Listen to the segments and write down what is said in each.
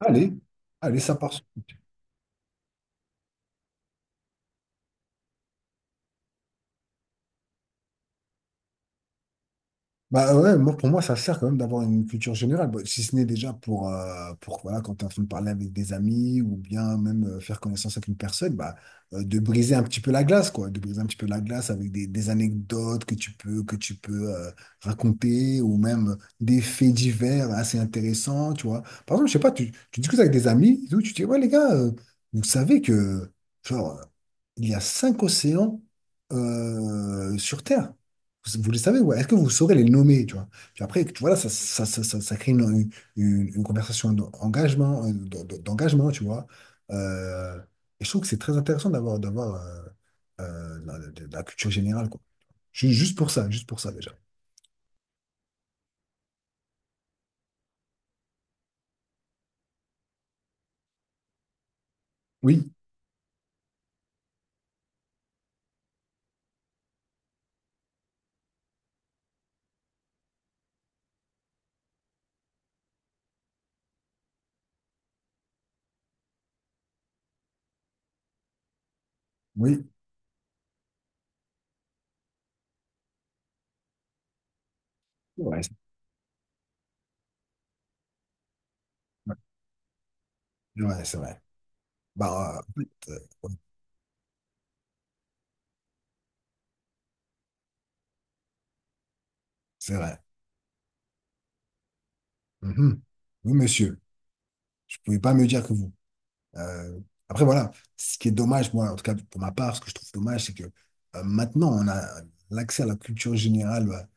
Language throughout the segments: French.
Allez, allez, ça part bah ouais, moi, pour moi, ça sert quand même d'avoir une culture générale. Bah, si ce n'est déjà pour voilà, quand tu es en train de parler avec des amis ou bien même faire connaissance avec une personne, bah, de briser un petit peu la glace, quoi, de briser un petit peu la glace avec des anecdotes que tu peux raconter ou même des faits divers assez intéressants, tu vois. Par exemple, je sais pas, tu discutes avec des amis, et tout, tu dis, ouais, les gars, vous savez que, genre, il y a cinq océans sur Terre. Vous les savez, ouais. Est-ce que vous saurez les nommer, tu vois? Puis après, tu vois, là, ça crée une conversation d'engagement, d'engagement, tu vois. Euh, et je trouve que c'est très intéressant d'avoir la culture générale, quoi. Juste pour ça, déjà. Oui, oui. Ouais, c'est ouais, ouais, c'est vrai. Bah, en fait, ouais, c'est vrai. Mhm. Oui, monsieur. Je ne pouvais pas me dire que vous. Euh, Après, voilà, ce qui est dommage, moi, en tout cas pour ma part, ce que je trouve dommage, c'est que maintenant, on a l'accès à la culture générale. Bah,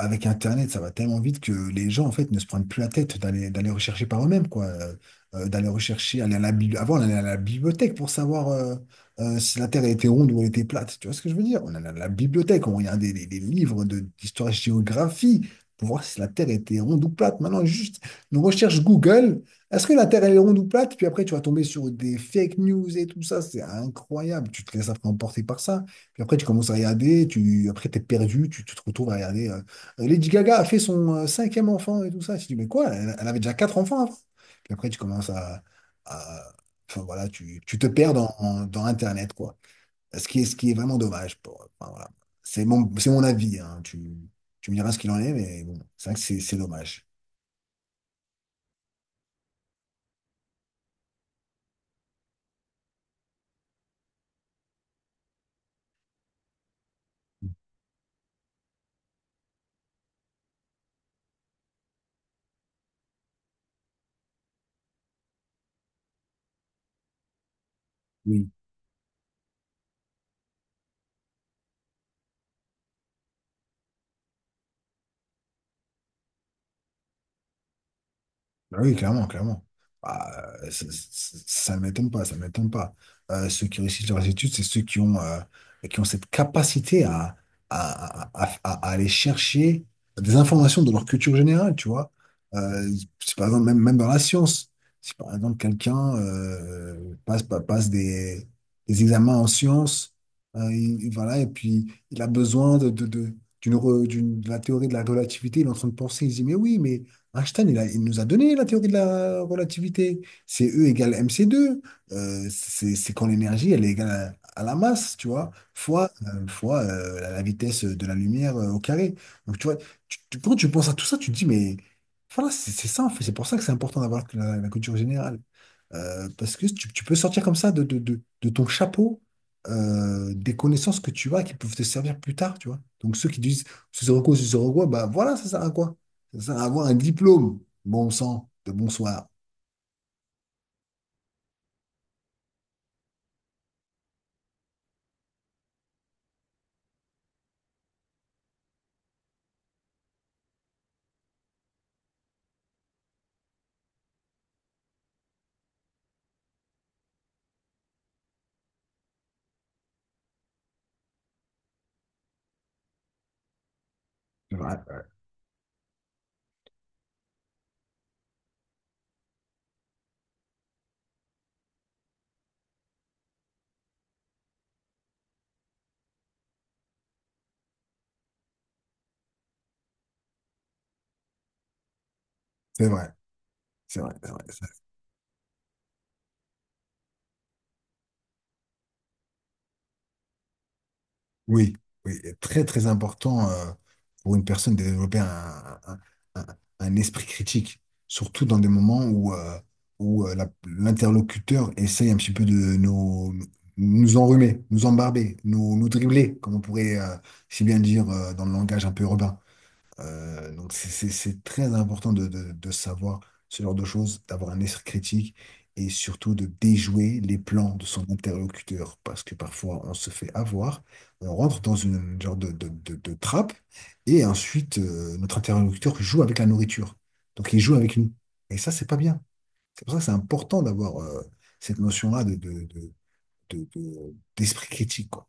avec Internet, ça va tellement vite que les gens, en fait, ne se prennent plus la tête d'aller rechercher par eux-mêmes, quoi. D'aller rechercher, aller à la avant, on allait à la bibliothèque pour savoir si la Terre était ronde ou elle était plate. Tu vois ce que je veux dire? On allait à la bibliothèque, on regardait des livres d'histoire-géographie pour voir si la Terre était ronde ou plate. Maintenant, juste une recherche Google, est-ce que la Terre, elle est ronde ou plate? Puis après, tu vas tomber sur des fake news et tout ça. C'est incroyable. Tu te laisses après emporter par ça. Puis après, tu commences à regarder, après, t'es perdu, tu te retrouves à regarder. Lady Gaga a fait son cinquième enfant et tout ça. Je dis, mais quoi? Elle avait déjà quatre enfants avant. Puis après, tu commences à- enfin voilà, tu te perds dans Internet, quoi. Ce ce qui est vraiment dommage. Enfin, voilà. C'est mon avis, hein. Tu me diras ce qu'il en est, mais bon, c'est vrai que c'est dommage. Oui. Bah oui, clairement, clairement. Bah, ça ne m'étonne pas, ça ne m'étonne pas. Ceux qui réussissent leurs études, c'est ceux qui ont cette capacité à aller chercher des informations de leur culture générale, tu vois. Euh, Si par exemple, même, même dans la science, si par exemple quelqu'un passe des examens en sciences, voilà, et puis il a besoin de la théorie de la relativité, il est en train de penser, il se dit, mais oui, mais Einstein, il nous a donné la théorie de la relativité. C'est E=mc². C'est quand l'énergie, elle est égale à la masse, tu vois, fois, fois la vitesse de la lumière au carré. Donc, tu vois, quand tu penses à tout ça, tu te dis, mais voilà, c'est ça, en fait. C'est pour ça que c'est important d'avoir la culture générale. Parce que tu peux sortir comme ça de ton chapeau des connaissances que tu as qui peuvent te servir plus tard, tu vois. Donc ceux qui disent ce sera quoi, bah voilà, ça sert à quoi? Ça sert à avoir un diplôme. Bon sang, de bonsoir. C'est vrai, ouais. C'est vrai, c'est vrai, c'est vrai. Oui, oui, et très très important pour une personne de développer un- un esprit critique, surtout dans des moments où, l'interlocuteur essaye un petit peu de nous, nous enrhumer, nous embarber, nous dribbler, comme on pourrait si bien dire dans le langage un peu urbain. Donc c'est très important de savoir ce genre de choses, d'avoir un esprit critique et surtout de déjouer les plans de son interlocuteur parce que parfois on se fait avoir, on rentre dans une genre de trappe et ensuite notre interlocuteur joue avec la nourriture. Donc il joue avec nous. Et ça, c'est pas bien. C'est pour ça que c'est important d'avoir cette notion-là d'esprit critique, quoi.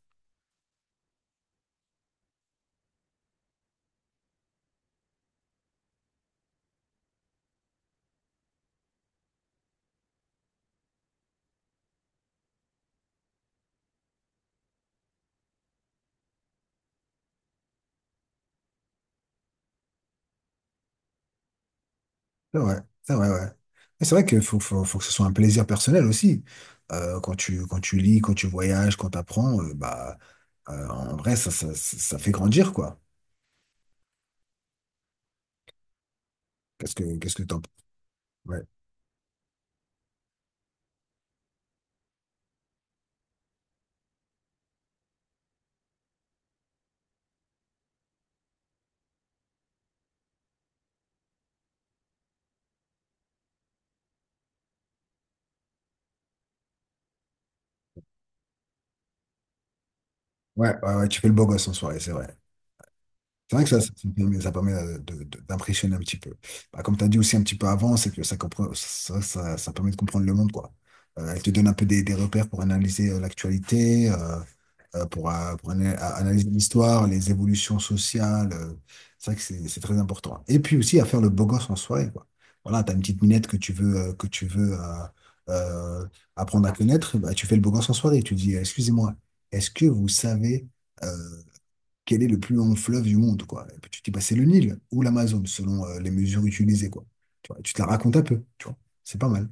C'est vrai, ouais. Et c'est vrai qu'il faut, faut, faut que ce soit un plaisir personnel aussi. Quand quand tu lis, quand tu voyages, quand tu apprends, bah, en vrai, ça fait grandir, quoi. Qu'est-ce que t'en... Ouais. Ouais, ouais, ouais, tu fais le beau gosse en soirée, c'est vrai. C'est vrai que ça ça permet d'impressionner un petit peu. Bah, comme tu as dit aussi un petit peu avant, c'est que ça, comprend, ça permet de comprendre le monde, quoi. Elle te donne un peu des repères pour analyser l'actualité. À analyser l'histoire, les évolutions sociales. C'est vrai que c'est très important. Et puis aussi à faire le beau gosse en soirée, quoi. Voilà, t'as une petite minette que tu veux, euh, apprendre à connaître, bah, tu fais le beau gosse en soirée. Tu dis, excusez-moi, est-ce que vous savez euh, quel est le plus long fleuve du monde, quoi? Et puis tu dis, bah, c'est le Nil ou l'Amazone, selon les mesures utilisées, quoi. Tu vois, tu te la racontes un peu, tu vois. C'est pas mal.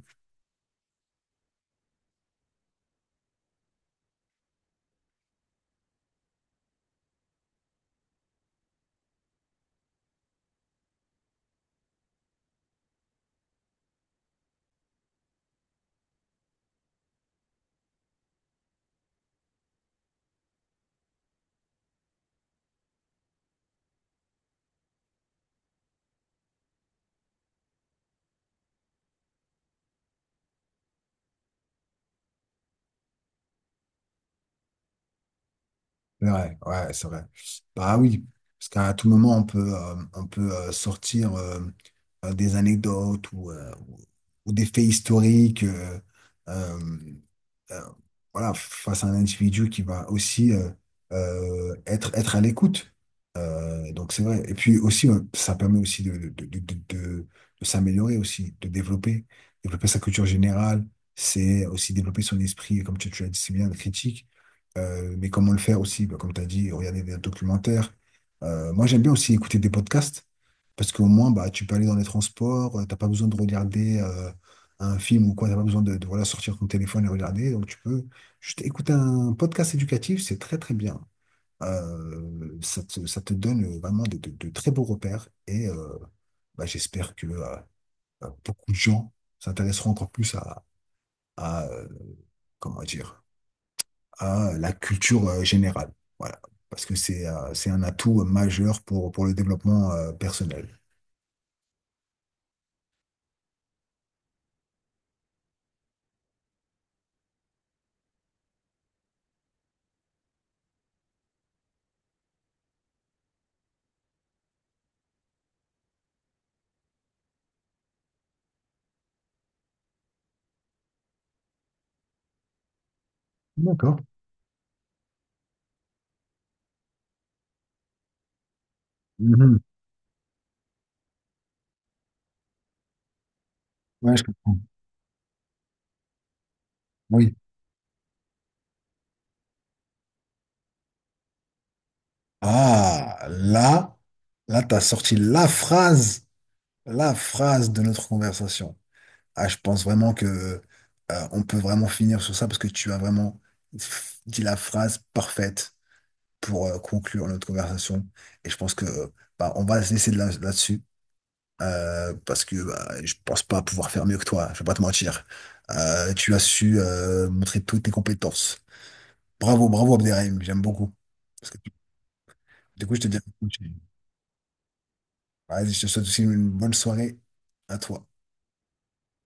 C'est vrai, ouais, c'est vrai. Bah oui, parce qu'à tout moment, on peut, sortir des anecdotes ou des faits historiques. Euh, euh, voilà, face à un individu qui va aussi être à l'écoute. Donc c'est vrai. Et puis aussi, ça permet aussi de s'améliorer aussi, de développer, développer sa culture générale. C'est aussi développer son esprit, comme tu l'as dit si bien, critique, mais comment le faire aussi? Bah, comme tu as dit, regarder des documentaires. Moi, j'aime bien aussi écouter des podcasts parce qu'au moins, bah, tu peux aller dans les transports, t'as pas besoin de regarder un film ou quoi, t'as pas besoin voilà, sortir ton téléphone et regarder. Donc, tu peux juste écouter un podcast éducatif, c'est très, très bien. Ça te donne vraiment de très beaux repères et bah, j'espère que bah, beaucoup de gens s'intéresseront encore plus à, euh, comment dire, à la culture générale. Voilà. Parce que c'est un atout majeur pour le développement personnel. D'accord. Mhm. Ouais, je comprends. Oui. Ah, là, là, t'as sorti la phrase de notre conversation. Ah, je pense vraiment que on peut vraiment finir sur ça parce que tu as vraiment dit la phrase parfaite pour conclure notre conversation. Et je pense que bah, on va se laisser là-dessus parce que bah, je pense pas pouvoir faire mieux que toi. Je vais pas te mentir. Tu as su montrer toutes tes compétences. Bravo, bravo Abderrahim. J'aime beaucoup. Parce que, du coup, je te dis, vas-y, je te souhaite aussi une bonne soirée à toi.